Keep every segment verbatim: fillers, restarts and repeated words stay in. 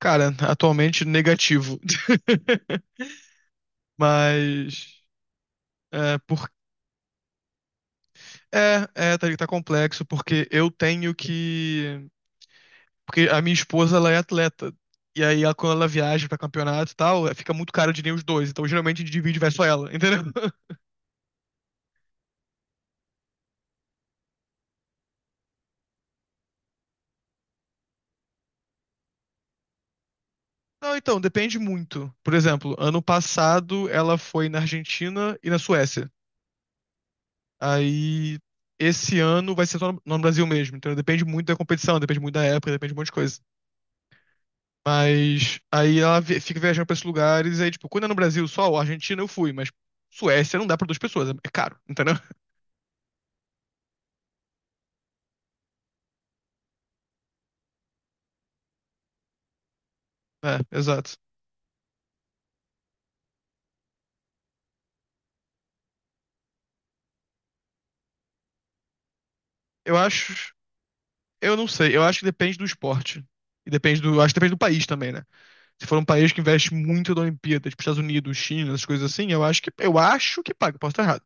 Cara, atualmente negativo. Mas é, por... é, é tá, tá complexo porque eu tenho que porque a minha esposa ela é atleta e aí ela, quando ela viaja pra campeonato e tal, é, fica muito caro de nem os dois, então geralmente a gente divide e vai só ela, entendeu? Não, então depende muito. Por exemplo, ano passado ela foi na Argentina e na Suécia. Aí esse ano vai ser só no, no Brasil mesmo, então depende muito da competição, depende muito da época, depende de um monte de coisa. Mas aí ela vi- fica viajando pra esses lugares, aí, tipo, quando é no Brasil só, ou Argentina eu fui, mas Suécia não dá pra duas pessoas, é caro, entendeu? É, exato. Eu acho, eu não sei, eu acho que depende do esporte. E depende do, acho que depende do país também, né? Se for um país que investe muito na Olimpíada, tipo Estados Unidos, China, essas coisas assim, eu acho que, eu acho que paga, posso estar errado.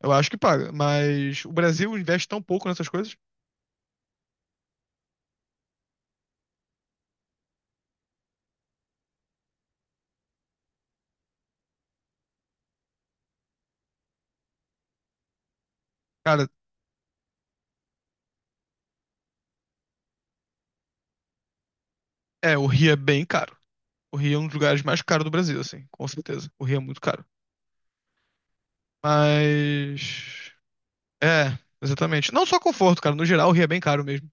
Eu acho que paga, mas o Brasil investe tão pouco nessas coisas. Cara, é, o Rio é bem caro. O Rio é um dos lugares mais caros do Brasil, assim, com certeza. O Rio é muito caro. Mas. É, exatamente. Não só conforto, cara. No geral, o Rio é bem caro mesmo.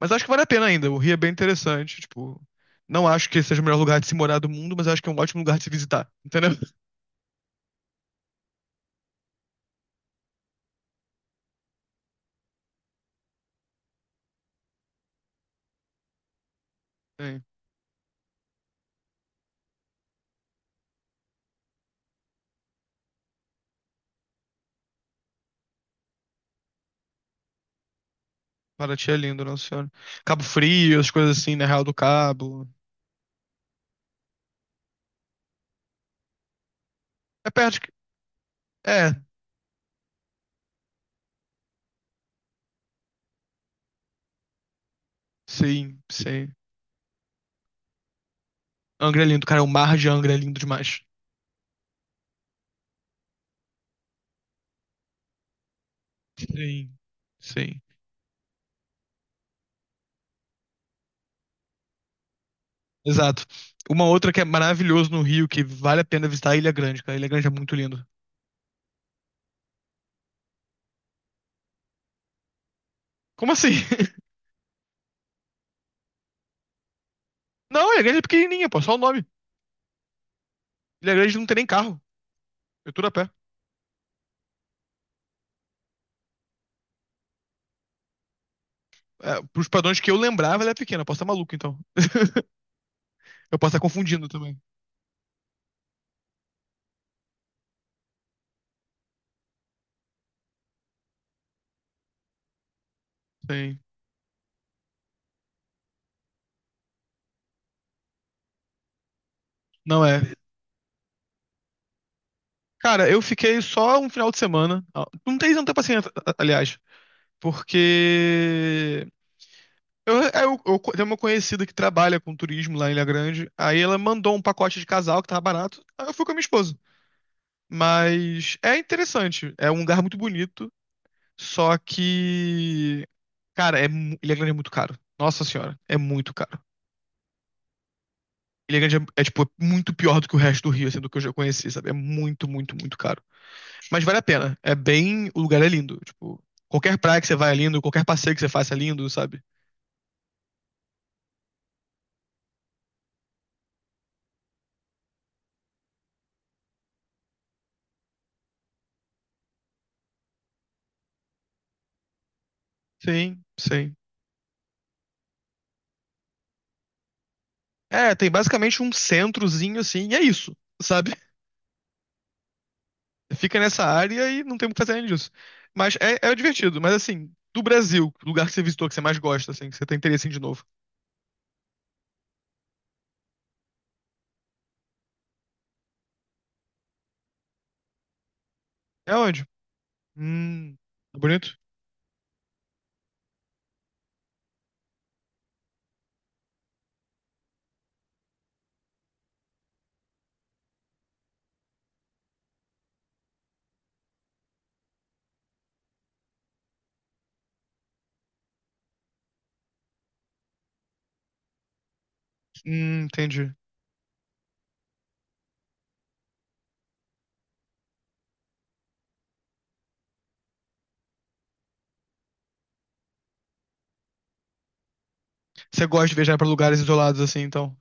Mas acho que vale a pena ainda. O Rio é bem interessante. Tipo, não acho que seja o melhor lugar de se morar do mundo, mas acho que é um ótimo lugar de se visitar. Entendeu? Sim. Paraty é lindo, Nossa Senhora. Cabo Frio, as coisas assim, né? Real do Cabo. É perto de... É, sim, sim. Angra é lindo, cara. O mar de Angra é lindo demais. Sim, sim. Exato. Uma outra que é maravilhoso no Rio, que vale a pena visitar, é Ilha Grande, cara. Ilha Grande é muito lindo. Como assim? Não, Ilha Grande é pequenininha, pô. Só o nome. Ilha Grande não tem nem carro. É tudo a pé. É, pros padrões que eu lembrava, ela é pequena. Eu posso estar maluco, então. Eu posso estar confundindo também. Sim. Não é. Cara, eu fiquei só um final de semana. Ah, não tem tanta paciência, a- aliás. Porque. Eu, é, eu, eu co- tenho uma conhecida que trabalha com turismo lá em Ilha Grande. Aí ela mandou um pacote de casal que tava barato. Aí eu fui com a minha esposa. Mas é interessante. É um lugar muito bonito. Só que. Cara, é, mu- Ilha Grande é muito caro. Nossa senhora, é muito caro. Ilhagante é, é, tipo, muito pior do que o resto do Rio, assim, do que eu já conheci, sabe? É muito, muito, muito caro. Mas vale a pena. É bem. O lugar é lindo. Tipo, qualquer praia que você vai é lindo, qualquer passeio que você faça é lindo, sabe? Sim, sim. É, tem basicamente um centrozinho assim, e é isso, sabe? Fica nessa área e não tem o que fazer além disso. Mas é, é divertido, mas assim, do Brasil, o lugar que você visitou que você mais gosta, assim, que você tem interesse em ir de novo. É onde? Hum. É bonito? Hum, entendi. Você gosta de viajar pra lugares isolados assim, então.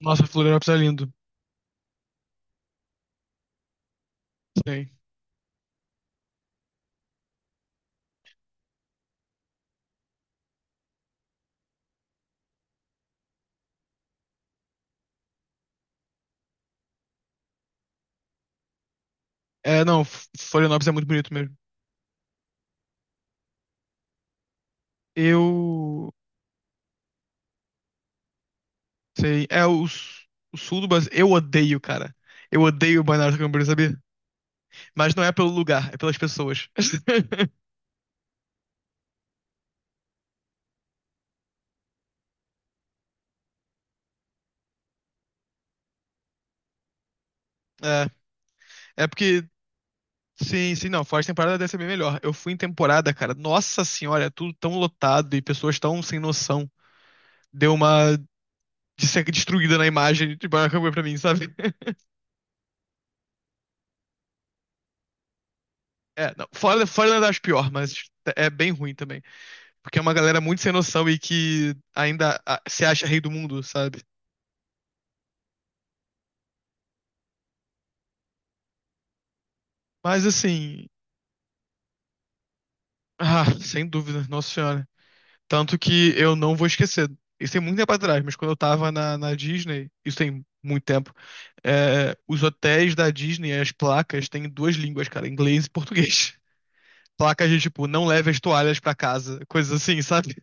Nossa, Florianópolis é lindo. Sei. É, não, F- Florianópolis é muito bonito mesmo. Eu sei, é o, s- o sul do Brasil. Eu odeio, cara. Eu odeio o Balneário Camboriú, sabia? Mas não é pelo lugar, é pelas pessoas. É, é porque sim, sim, não, fora de temporada deve ser bem melhor. Eu fui em temporada, cara. Nossa senhora, é tudo tão lotado e pessoas tão sem noção. Deu uma de ser destruída na imagem de Balneário Camboriú pra mim, sabe? É, não, fora, fora eu acho pior, mas é bem ruim também. Porque é uma galera muito sem noção e que ainda ah, se acha rei do mundo, sabe? Mas assim, ah, sem dúvida, Nossa Senhora. Tanto que eu não vou esquecer. Isso tem muito tempo atrás, mas quando eu tava na, na, Disney, isso tem muito tempo, é, os hotéis da Disney, as placas, têm duas línguas, cara, inglês e português. Placas de tipo, não leve as toalhas pra casa, coisas assim, sabe?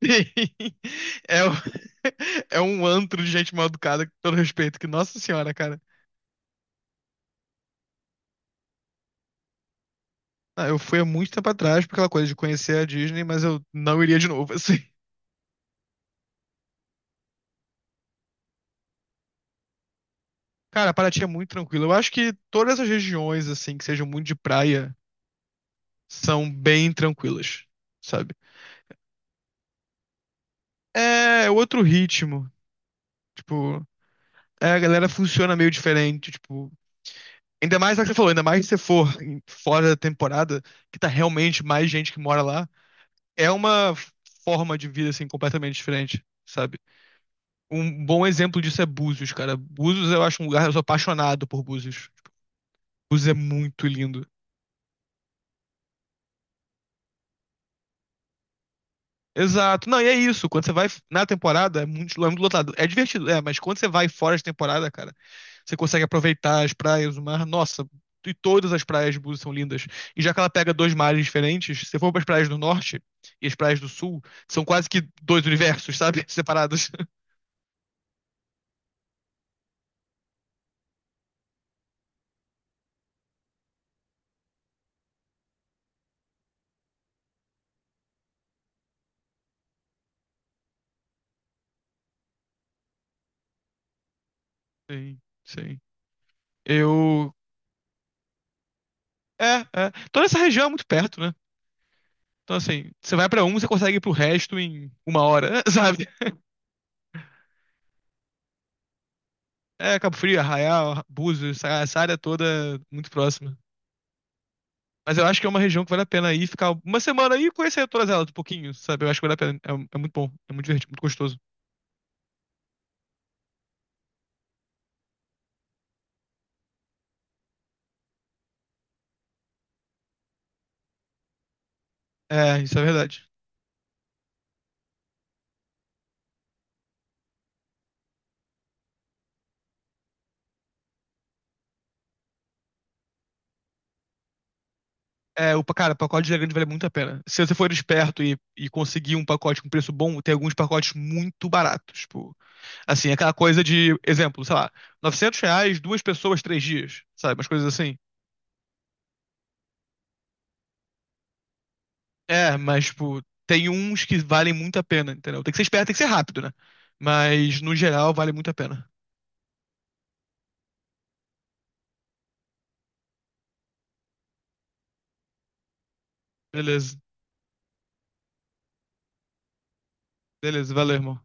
É, um- é um antro de gente mal educada, com todo respeito, que, nossa senhora, cara. Ah, eu fui há muito tempo atrás por aquela coisa de conhecer a Disney, mas eu não iria de novo, assim. Cara, Paraty é muito tranquilo. Eu acho que todas as regiões, assim, que sejam muito de praia, são bem tranquilas, sabe? É outro ritmo. Tipo, é, a galera funciona meio diferente. Tipo, ainda mais é o que você falou, ainda mais se você for em- fora da temporada, que tá realmente mais gente que mora lá. É uma forma de vida, assim, completamente diferente, sabe? Um bom exemplo disso é Búzios, cara. Búzios eu acho um lugar, eu sou apaixonado por Búzios. Us é muito lindo. Exato. Não, e é isso. Quando você vai na temporada, é muito, é muito lotado. É divertido, é, mas quando você vai fora de temporada, cara, você consegue aproveitar as praias, o mar. Nossa, e todas as praias de Búzios são lindas. E já que ela pega dois mares diferentes, se você for para as praias do norte e as praias do sul, são quase que dois universos, sabe? Separados. Sim, sim. Eu. É, é. Toda essa região é muito perto, né? Então, assim, você vai pra um, você consegue ir pro resto em uma hora, sabe? É, Cabo Frio, Arraial, Búzios, essa essa área toda muito próxima. Mas eu acho que é uma região que vale a pena ir, ficar uma semana aí e conhecer todas elas um pouquinho, sabe? Eu acho que vale a pena. É, é muito bom, é muito divertido, muito gostoso. É, isso é verdade. É, o, pa- cara, pacote de grande vale é muito a pena. Se você for esperto e, e conseguir um pacote com preço bom, tem alguns pacotes muito baratos. Tipo, assim, aquela coisa de, exemplo, sei lá, novecentos reais, duas pessoas, três dias, sabe? Umas coisas assim. É, mas, tipo, tem uns que valem muito a pena, entendeu? Tem que ser esperto, tem que ser rápido, né? Mas, no geral, vale muito a pena. Beleza, beleza, valeu, irmão.